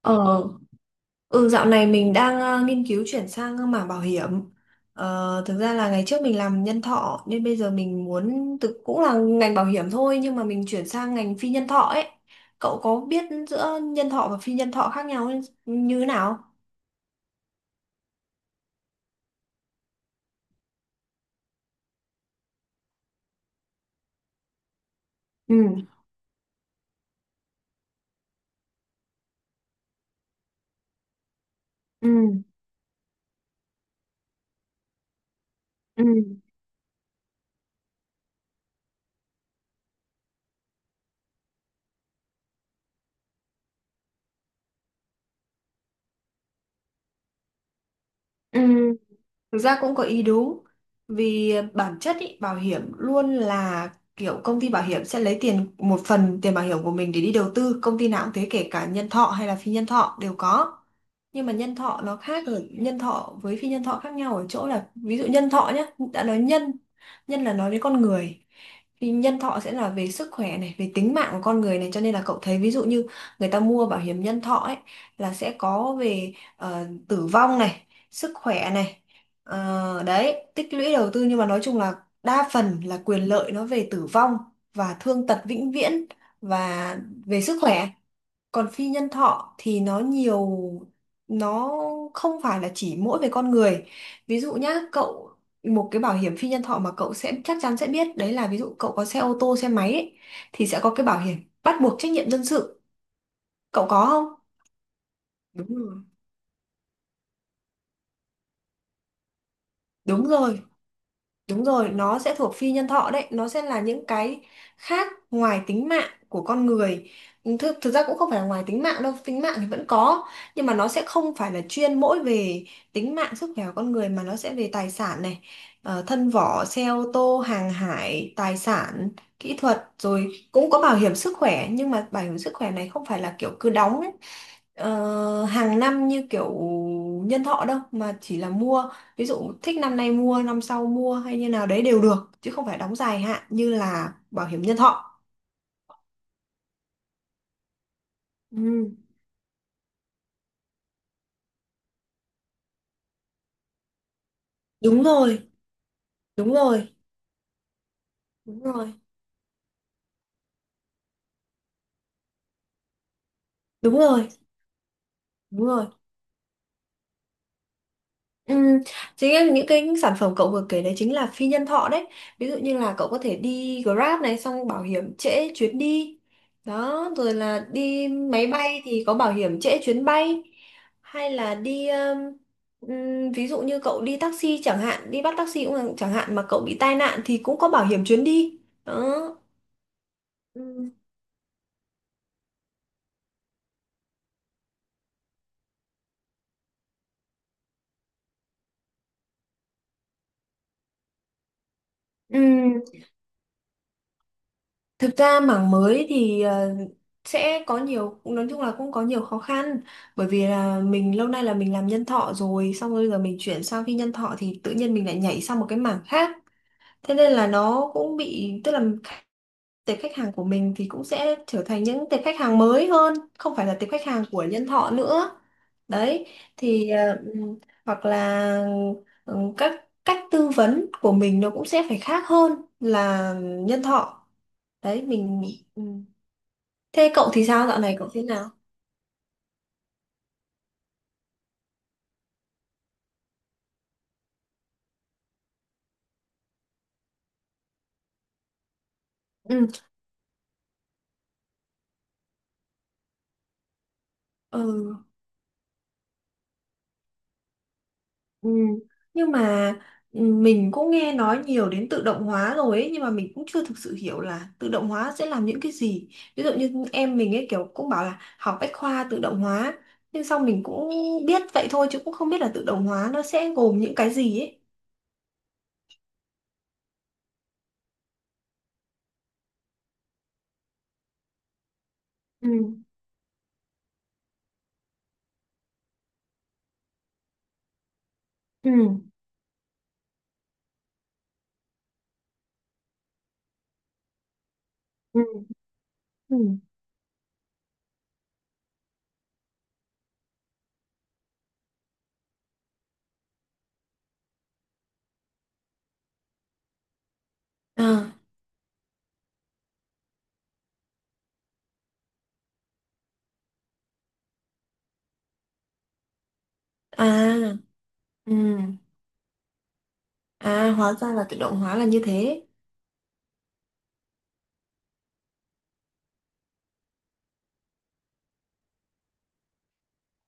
Ờ, ừ, dạo này mình đang nghiên cứu chuyển sang mảng bảo hiểm. Thực ra là ngày trước mình làm nhân thọ nên bây giờ mình muốn thực cũng là ngành bảo hiểm thôi, nhưng mà mình chuyển sang ngành phi nhân thọ ấy. Cậu có biết giữa nhân thọ và phi nhân thọ khác nhau như thế nào? Ừ. Ừ. Ừ. Ừ. Thực ra cũng có ý đúng, vì bản chất ý, bảo hiểm luôn là kiểu công ty bảo hiểm sẽ lấy tiền, một phần tiền bảo hiểm của mình để đi đầu tư, công ty nào cũng thế, kể cả nhân thọ hay là phi nhân thọ đều có. Nhưng mà nhân thọ nó khác ở nhân thọ với phi nhân thọ khác nhau ở chỗ là ví dụ nhân thọ nhá, đã nói nhân nhân là nói đến con người, thì nhân thọ sẽ là về sức khỏe này, về tính mạng của con người này, cho nên là cậu thấy ví dụ như người ta mua bảo hiểm nhân thọ ấy là sẽ có về tử vong này, sức khỏe này, đấy, tích lũy đầu tư, nhưng mà nói chung là đa phần là quyền lợi nó về tử vong và thương tật vĩnh viễn và về sức khỏe. Còn phi nhân thọ thì nó nhiều, nó không phải là chỉ mỗi về con người. Ví dụ nhá cậu, một cái bảo hiểm phi nhân thọ mà cậu sẽ chắc chắn sẽ biết đấy là ví dụ cậu có xe ô tô xe máy ấy, thì sẽ có cái bảo hiểm bắt buộc trách nhiệm dân sự, cậu có không? Đúng rồi. Đúng rồi. Đúng rồi, nó sẽ thuộc phi nhân thọ đấy, nó sẽ là những cái khác ngoài tính mạng của con người. Ừ, thực ra cũng không phải là ngoài tính mạng đâu, tính mạng thì vẫn có, nhưng mà nó sẽ không phải là chuyên mỗi về tính mạng sức khỏe của con người, mà nó sẽ về tài sản này, thân vỏ, xe ô tô, hàng hải, tài sản, kỹ thuật, rồi cũng có bảo hiểm sức khỏe, nhưng mà bảo hiểm sức khỏe này không phải là kiểu cứ đóng ấy, hàng năm như kiểu nhân thọ đâu, mà chỉ là mua ví dụ thích năm nay mua, năm sau mua hay như nào đấy đều được, chứ không phải đóng dài hạn như là bảo hiểm nhân thọ. Ừ. Đúng rồi. Đúng rồi. Đúng rồi. Đúng rồi. Đúng rồi. Ừ, chính là những cái sản phẩm cậu vừa kể đấy chính là phi nhân thọ đấy. Ví dụ như là cậu có thể đi Grab này, xong bảo hiểm trễ chuyến đi đó, rồi là đi máy bay thì có bảo hiểm trễ chuyến bay, hay là đi ví dụ như cậu đi taxi chẳng hạn, đi bắt taxi cũng là- chẳng hạn mà cậu bị tai nạn thì cũng có bảo hiểm chuyến đi đó. Ừ. Ừ. Thực ra mảng mới thì sẽ có nhiều, cũng nói chung là cũng có nhiều khó khăn, bởi vì là mình lâu nay là mình làm nhân thọ rồi, xong rồi bây giờ mình chuyển sang phi nhân thọ thì tự nhiên mình lại nhảy sang một cái mảng khác, thế nên là nó cũng bị, tức là tệp khách hàng của mình thì cũng sẽ trở thành những tệp khách hàng mới hơn, không phải là tệp khách hàng của nhân thọ nữa, đấy. Thì hoặc là các cách tư vấn của mình nó cũng sẽ phải khác hơn là nhân thọ đấy, mình, ừ. Thế cậu thì sao, dạo này cậu thế nào? Ừ. Ừ. Ừ. Nhưng mà ừ, mình cũng nghe nói nhiều đến tự động hóa rồi ấy, nhưng mà mình cũng chưa thực sự hiểu là tự động hóa sẽ làm những cái gì. Ví dụ như em mình ấy kiểu cũng bảo là học bách khoa tự động hóa, nhưng sau mình cũng biết vậy thôi chứ cũng không biết là tự động hóa nó sẽ gồm những cái gì ấy. Ừ. Ừ. Ừ. Ừ. À. À. Ừ. À, hóa ra là tự động hóa là như thế.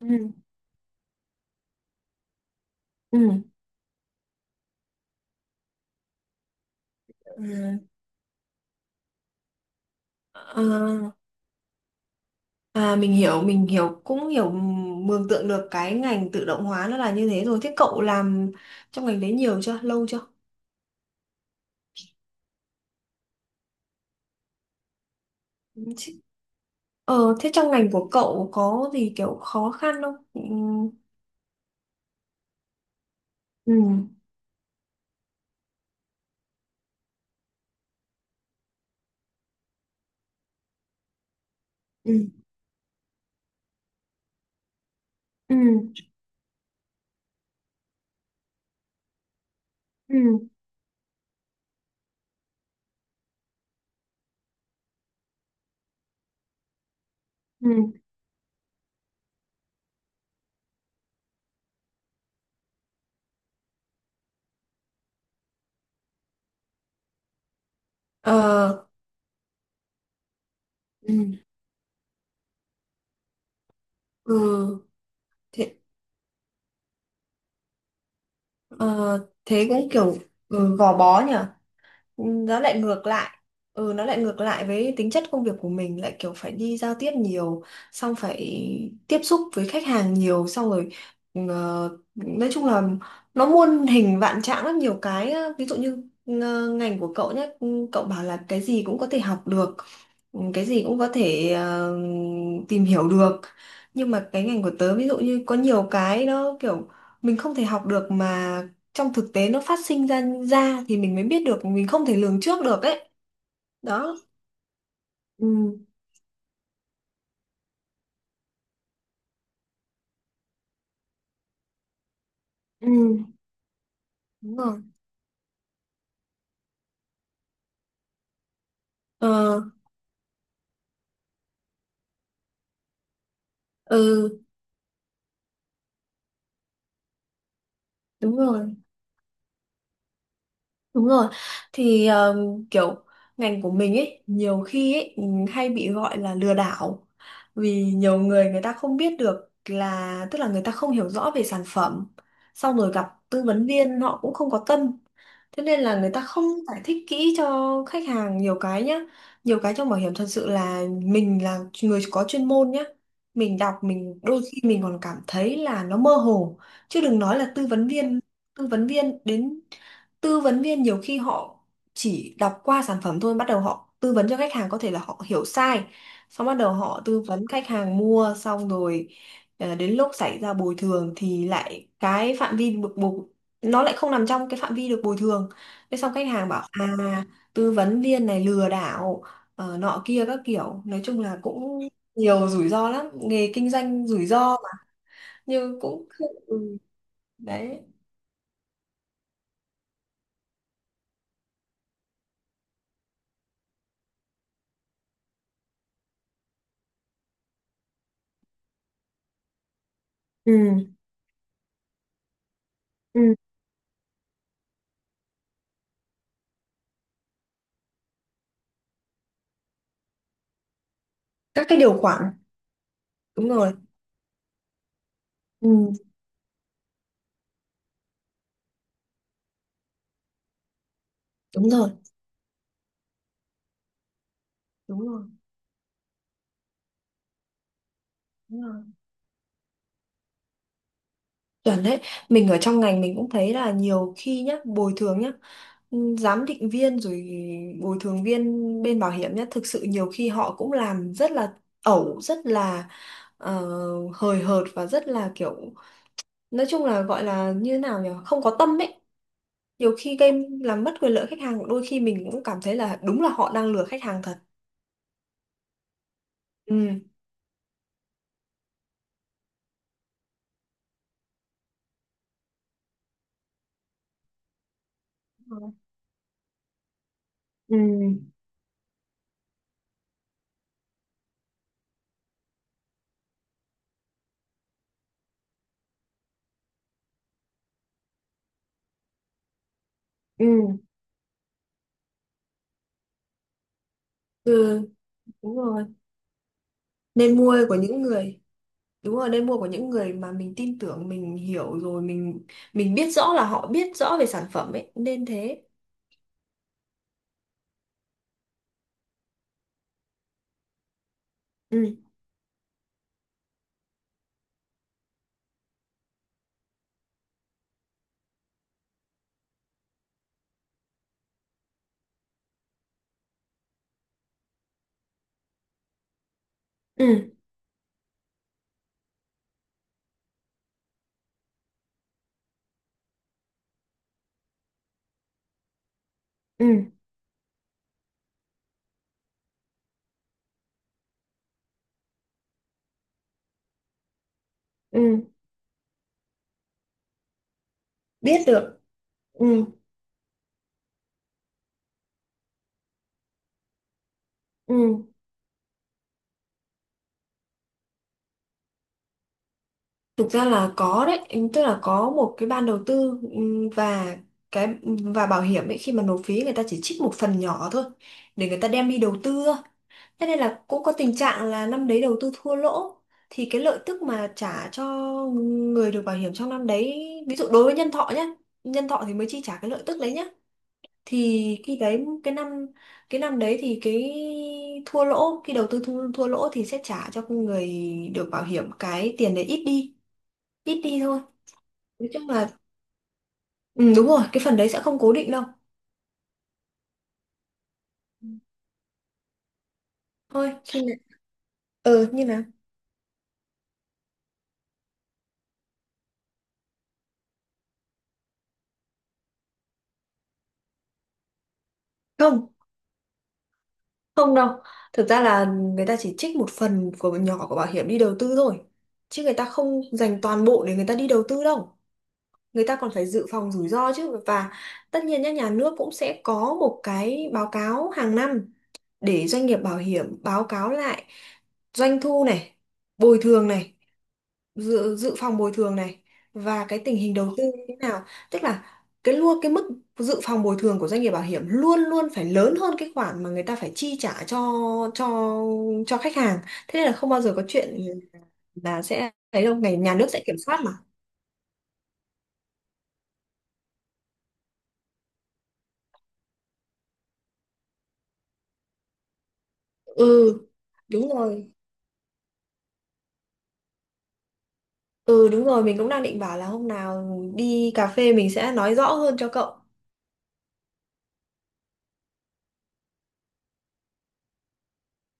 Ừ. Ừ. Ừ. À, mình hiểu, mình hiểu, cũng hiểu, mường tượng được cái ngành tự động hóa nó là như thế rồi. Thế cậu làm trong ngành đấy nhiều chưa? Lâu chưa? Ừ, Ờ, thế trong ngành của cậu có gì kiểu khó khăn không? Ừ. Ừ. Ừ. Ừ. Ừ. ờ, ừ. Ừ, thế, ờ, thế cũng kiểu ừ, gò bó nhỉ? Nó lại ngược lại, ừ, nó lại ngược lại với tính chất công việc của mình, lại kiểu phải đi giao tiếp nhiều, xong phải tiếp xúc với khách hàng nhiều, xong rồi nói chung là nó muôn hình vạn trạng lắm, nhiều cái á. Ví dụ như ngành của cậu nhé, cậu bảo là cái gì cũng có thể học được, ừ, cái gì cũng có thể tìm hiểu được, nhưng mà cái ngành của tớ ví dụ như có nhiều cái nó kiểu mình không thể học được, mà trong thực tế nó phát sinh ra ra thì mình mới biết được, mình không thể lường trước được ấy, đó. Ừ, ừ. Đúng rồi. ờ ừ. Đúng rồi. Đúng rồi, thì kiểu ngành của mình ấy nhiều khi ấy hay bị gọi là lừa đảo, vì nhiều người, người ta không biết được, là tức là người ta không hiểu rõ về sản phẩm, xong rồi gặp tư vấn viên họ cũng không có tâm, thế nên là người ta không giải thích kỹ cho khách hàng nhiều cái nhá. Nhiều cái trong bảo hiểm thật sự là mình là người có chuyên môn nhá, mình đọc mình đôi khi mình còn cảm thấy là nó mơ hồ, chứ đừng nói là tư vấn viên. Tư vấn viên đến, tư vấn viên nhiều khi họ chỉ đọc qua sản phẩm thôi, bắt đầu họ tư vấn cho khách hàng có thể là họ hiểu sai, xong bắt đầu họ tư vấn khách hàng mua xong rồi đến lúc xảy ra bồi thường thì lại cái phạm vi được bồi, nó lại không nằm trong cái phạm vi được bồi thường, thế xong khách hàng bảo à, tư vấn viên này lừa đảo, nọ kia các kiểu, nói chung là cũng nhiều rủi ro lắm, nghề kinh doanh rủi ro mà. Nhưng cũng, ừ, đấy, ừ. ừ. Các cái điều khoản, đúng rồi. Ừ, đúng rồi, đúng rồi. Đúng rồi. Chuẩn đấy, mình ở trong ngành mình cũng thấy là nhiều khi nhá, bồi thường nhá, ừ, giám định viên rồi bồi thường viên bên bảo hiểm nhá, thực sự nhiều khi họ cũng làm rất là ẩu, rất là ờ, hời hợt, và rất là kiểu, nói chung là gọi là như thế nào nhỉ, không có tâm ấy. Nhiều khi game làm mất quyền lợi khách hàng, đôi khi mình cũng cảm thấy là đúng là họ đang lừa khách hàng thật. Ừ. Đúng rồi. Ừ, ừ, ừ, đúng rồi. Nên mua của những người, đúng rồi, nên mua của những người mà mình tin tưởng, mình hiểu rồi, mình biết rõ là họ biết rõ về sản phẩm ấy, nên thế. Ừ, ừ, ừ, ừ, biết được. Ừ, ừ. Thực ra là có đấy, ừ, tức là có một cái ban đầu tư, ừ, và cái và bảo hiểm ấy khi mà nộp phí người ta chỉ trích một phần nhỏ thôi để người ta đem đi đầu tư. Thế nên là cũng có tình trạng là năm đấy đầu tư thua lỗ thì cái lợi tức mà trả cho người được bảo hiểm trong năm đấy, ví dụ đối với nhân thọ nhé, nhân thọ thì mới chi trả cái lợi tức đấy nhé, thì khi đấy cái năm, cái năm đấy thì cái thua lỗ khi đầu tư thua lỗ thì sẽ trả cho người được bảo hiểm cái tiền đấy ít đi, ít đi thôi, nói chung là ừ, đúng rồi, cái phần đấy sẽ không cố định đâu. Thôi khi nào ừ như nào, không. Không đâu, thực ra là người ta chỉ trích một phần của nhỏ của bảo hiểm đi đầu tư thôi. Chứ người ta không dành toàn bộ để người ta đi đầu tư đâu. Người ta còn phải dự phòng rủi ro chứ. Và tất nhiên nhá, nhà nước cũng sẽ có một cái báo cáo hàng năm để doanh nghiệp bảo hiểm báo cáo lại doanh thu này, bồi thường này, dự phòng bồi thường này và cái tình hình đầu tư như thế nào, tức là cái luôn cái mức dự phòng bồi thường của doanh nghiệp bảo hiểm luôn luôn phải lớn hơn cái khoản mà người ta phải chi trả cho cho cho khách hàng, thế nên là không bao giờ có chuyện là sẽ thấy đâu, ngày nhà nước sẽ kiểm soát mà. Ừ, đúng rồi. Ừ, đúng rồi, mình cũng đang định bảo là hôm nào đi cà phê mình sẽ nói rõ hơn cho cậu.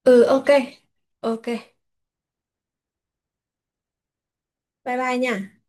Ừ, ok. Ok, bye bye nha.